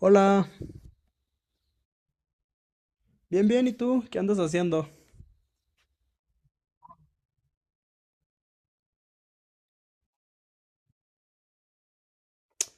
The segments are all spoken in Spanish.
Hola, bien, bien, ¿y tú? ¿Qué andas haciendo?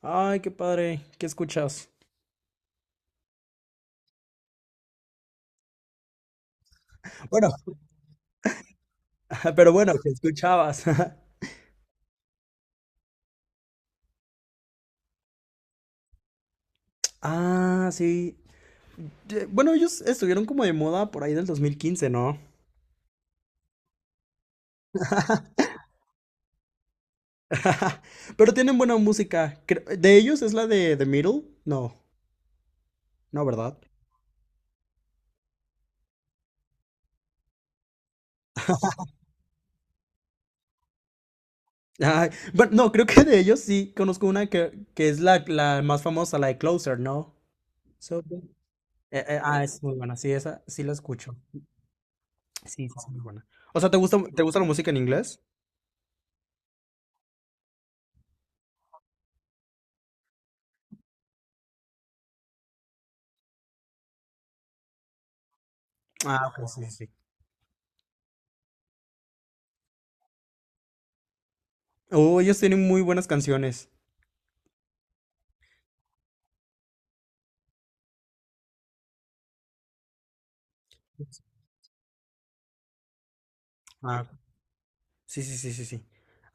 Ay, qué padre, ¿qué escuchas? Bueno, pero bueno, ¿qué escuchabas? Ah, sí. Bueno, ellos estuvieron como de moda por ahí del 2015, ¿no? Pero tienen buena música. ¿De ellos es la de The Middle? No, no, ¿verdad? Ay, bueno, no, creo que de ellos sí conozco una que es la más famosa, la de Closer, ¿no? So- ah, es muy buena, sí, esa sí la escucho. Sí, sí, es muy buena. O sea, te gusta la música en inglés? Ah, ok, sí, sí, sí. Oh, ellos tienen muy buenas canciones. Ah, sí, sí, sí, sí, sí.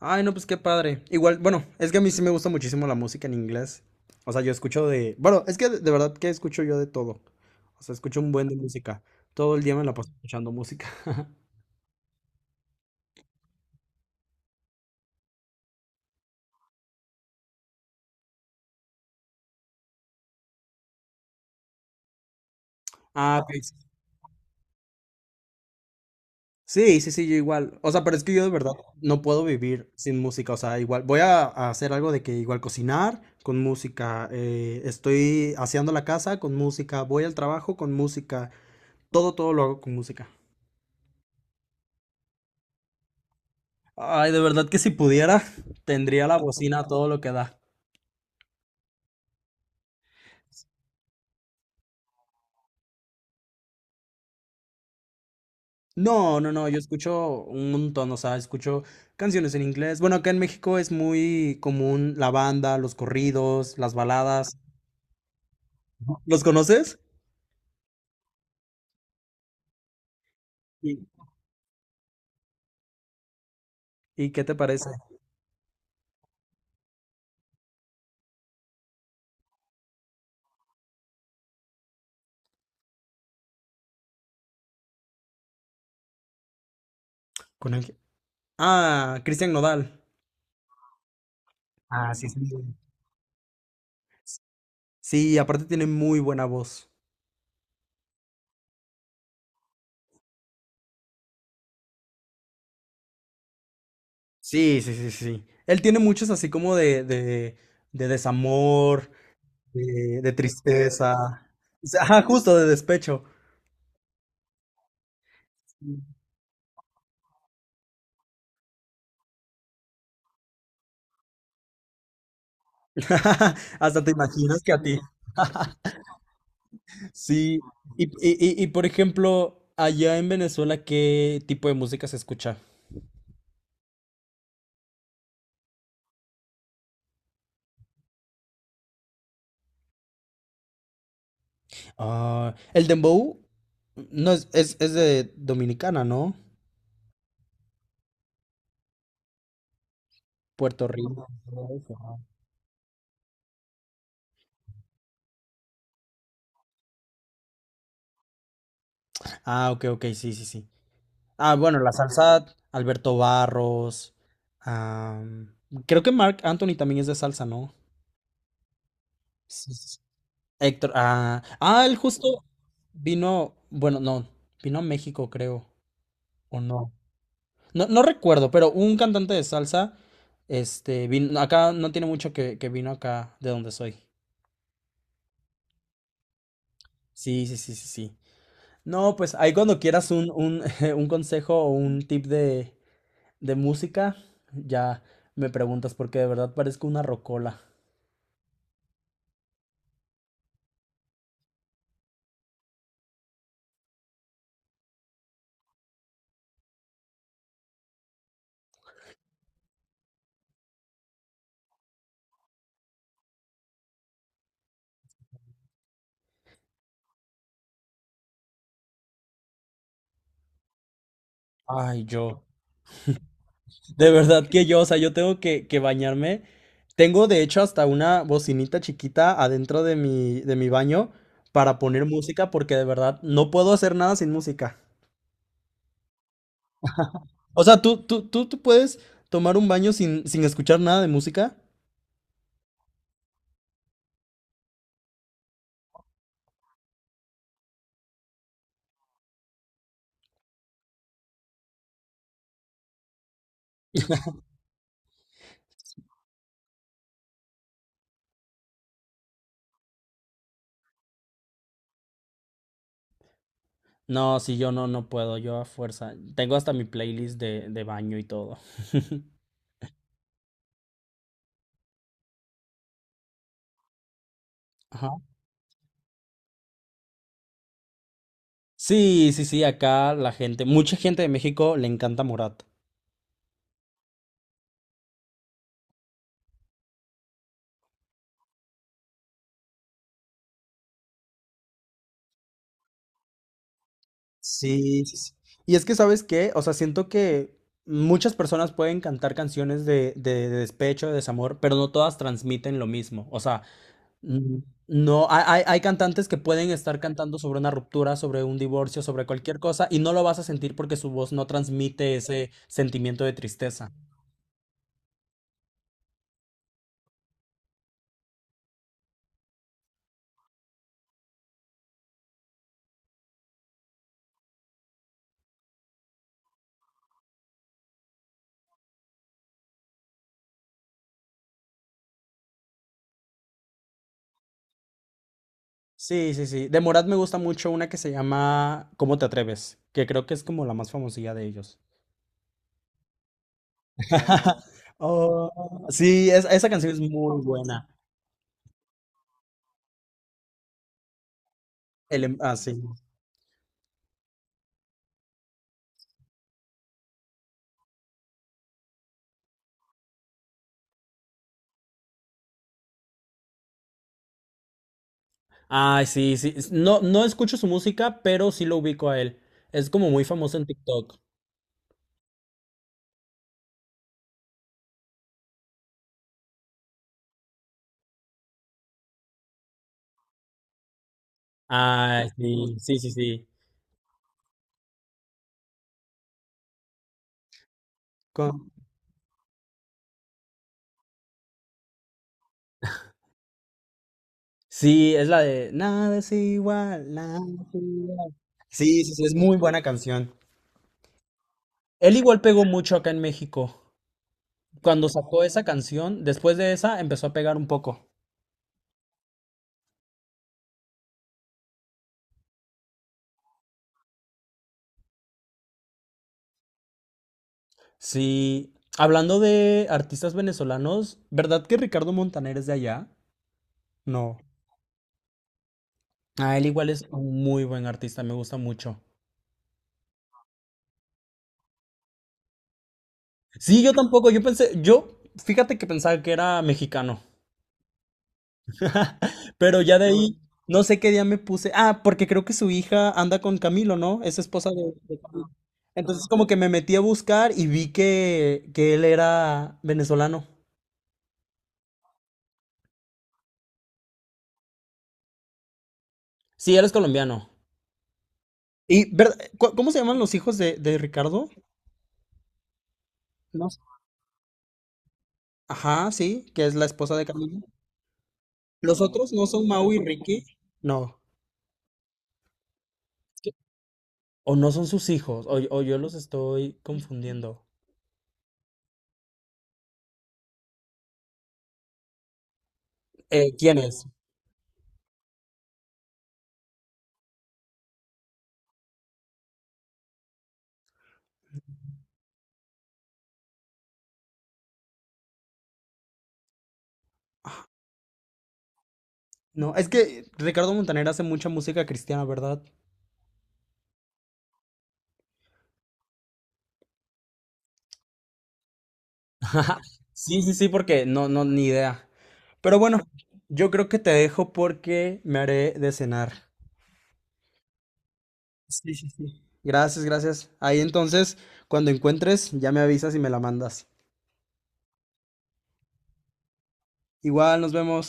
Ay, no, pues qué padre. Igual, bueno, es que a mí sí me gusta muchísimo la música en inglés. O sea, yo escucho de... Bueno, es que de verdad que escucho yo de todo. O sea, escucho un buen de música. Todo el día me la paso escuchando música. Ah, ok, sí. Sí, sí, sí, yo igual. O sea, pero es que yo de verdad no puedo vivir sin música. O sea, igual voy a hacer algo de que igual cocinar con música. Estoy haciendo la casa con música. Voy al trabajo con música. Todo, todo lo hago con música. Ay, de verdad que si pudiera, tendría la bocina a todo lo que da. No, no, no, yo escucho un montón, o sea, escucho canciones en inglés. Bueno, acá en México es muy común la banda, los corridos, las baladas. ¿Los conoces? Sí. ¿Y qué te parece? Con el... Ah, Cristian Nodal. Ah, sí, sí. Sí, sí, aparte tiene muy buena voz. Sí, sí, sí, sí. Él tiene muchos así como de desamor, de tristeza. O sea, ajá, justo de despecho. Hasta te imaginas que a ti. Sí. Por ejemplo, allá en Venezuela, ¿qué tipo de música se escucha? Ah, el dembow no es, es de Dominicana, ¿no? Puerto Rico. Ah, ok, ok, sí, sí, sí. Ah, bueno, la salsa, Alberto Barros. Am, creo que Marc Anthony también es de salsa, ¿no? Héctor, ah, ah, él justo vino, bueno, no, vino a México, creo, o no. No, no recuerdo, pero un cantante de salsa, este, vino, acá no tiene mucho que vino acá de donde soy. Sí, sí, sí, sí, sí. No, pues ahí cuando quieras un consejo o un tip de música, ya me preguntas, porque de verdad parezco una rocola. Ay, yo. De verdad que yo, o sea, yo tengo que bañarme. Tengo de hecho hasta una bocinita chiquita adentro de de mi baño para poner música porque de verdad no puedo hacer nada sin música. O sea, ¿tú puedes tomar un baño sin escuchar nada de música? No, sí, yo no, no puedo, yo a fuerza. Tengo hasta mi playlist de baño y todo. Ajá. Sí, sí, sí, acá la gente, mucha gente de México le encanta Morat. Sí, sí, sí. Y es que, ¿sabes qué? O sea, siento que muchas personas pueden cantar canciones de despecho, de desamor, pero no todas transmiten lo mismo. O sea, mm, no, hay cantantes que pueden estar cantando sobre una ruptura, sobre un divorcio, sobre cualquier cosa, y no lo vas a sentir porque su voz no transmite ese sentimiento de tristeza. Sí, sí, sí. De Morat me gusta mucho una que se llama ¿Cómo te atreves? Que creo que es como la más famosilla de ellos. Oh, sí, esa canción es muy buena. Ah, sí. Ay, sí, sí, no, no escucho su música, pero sí lo ubico a él. Es como muy famoso en TikTok. Ay, sí, sí, sí, sí. Con- Sí, es la de Nada es igual, nada es igual. Sí, sí, sí, es muy buena canción. Él igual pegó mucho acá en México. Cuando sacó esa canción, después de esa empezó a pegar un poco. Sí, hablando de artistas venezolanos, ¿verdad que Ricardo Montaner es de allá? No. Ah, él igual es un muy buen artista, me gusta mucho. Sí, yo tampoco, yo pensé, yo, fíjate que pensaba que era mexicano, pero ya de ahí, no sé qué día me puse, ah, porque creo que su hija anda con Camilo, ¿no? Es esposa de Camilo. Entonces como que me metí a buscar y vi que él era venezolano. Sí, él es colombiano. Y, ¿verdad? ¿Cómo se llaman los hijos de Ricardo? No sé. Ajá, sí, que es la esposa de Camilo. ¿Los otros no son Mau y Ricky? No. O no son sus hijos, o yo los estoy confundiendo. ¿Quién es? No, es que Ricardo Montaner hace mucha música cristiana, ¿verdad? Sí, sí, sí, porque no, no, ni idea. Pero bueno, yo creo que te dejo porque me haré de cenar. Sí, sí, sí. Gracias, gracias. Ahí entonces, cuando encuentres, ya me avisas y me la mandas. Igual, nos vemos.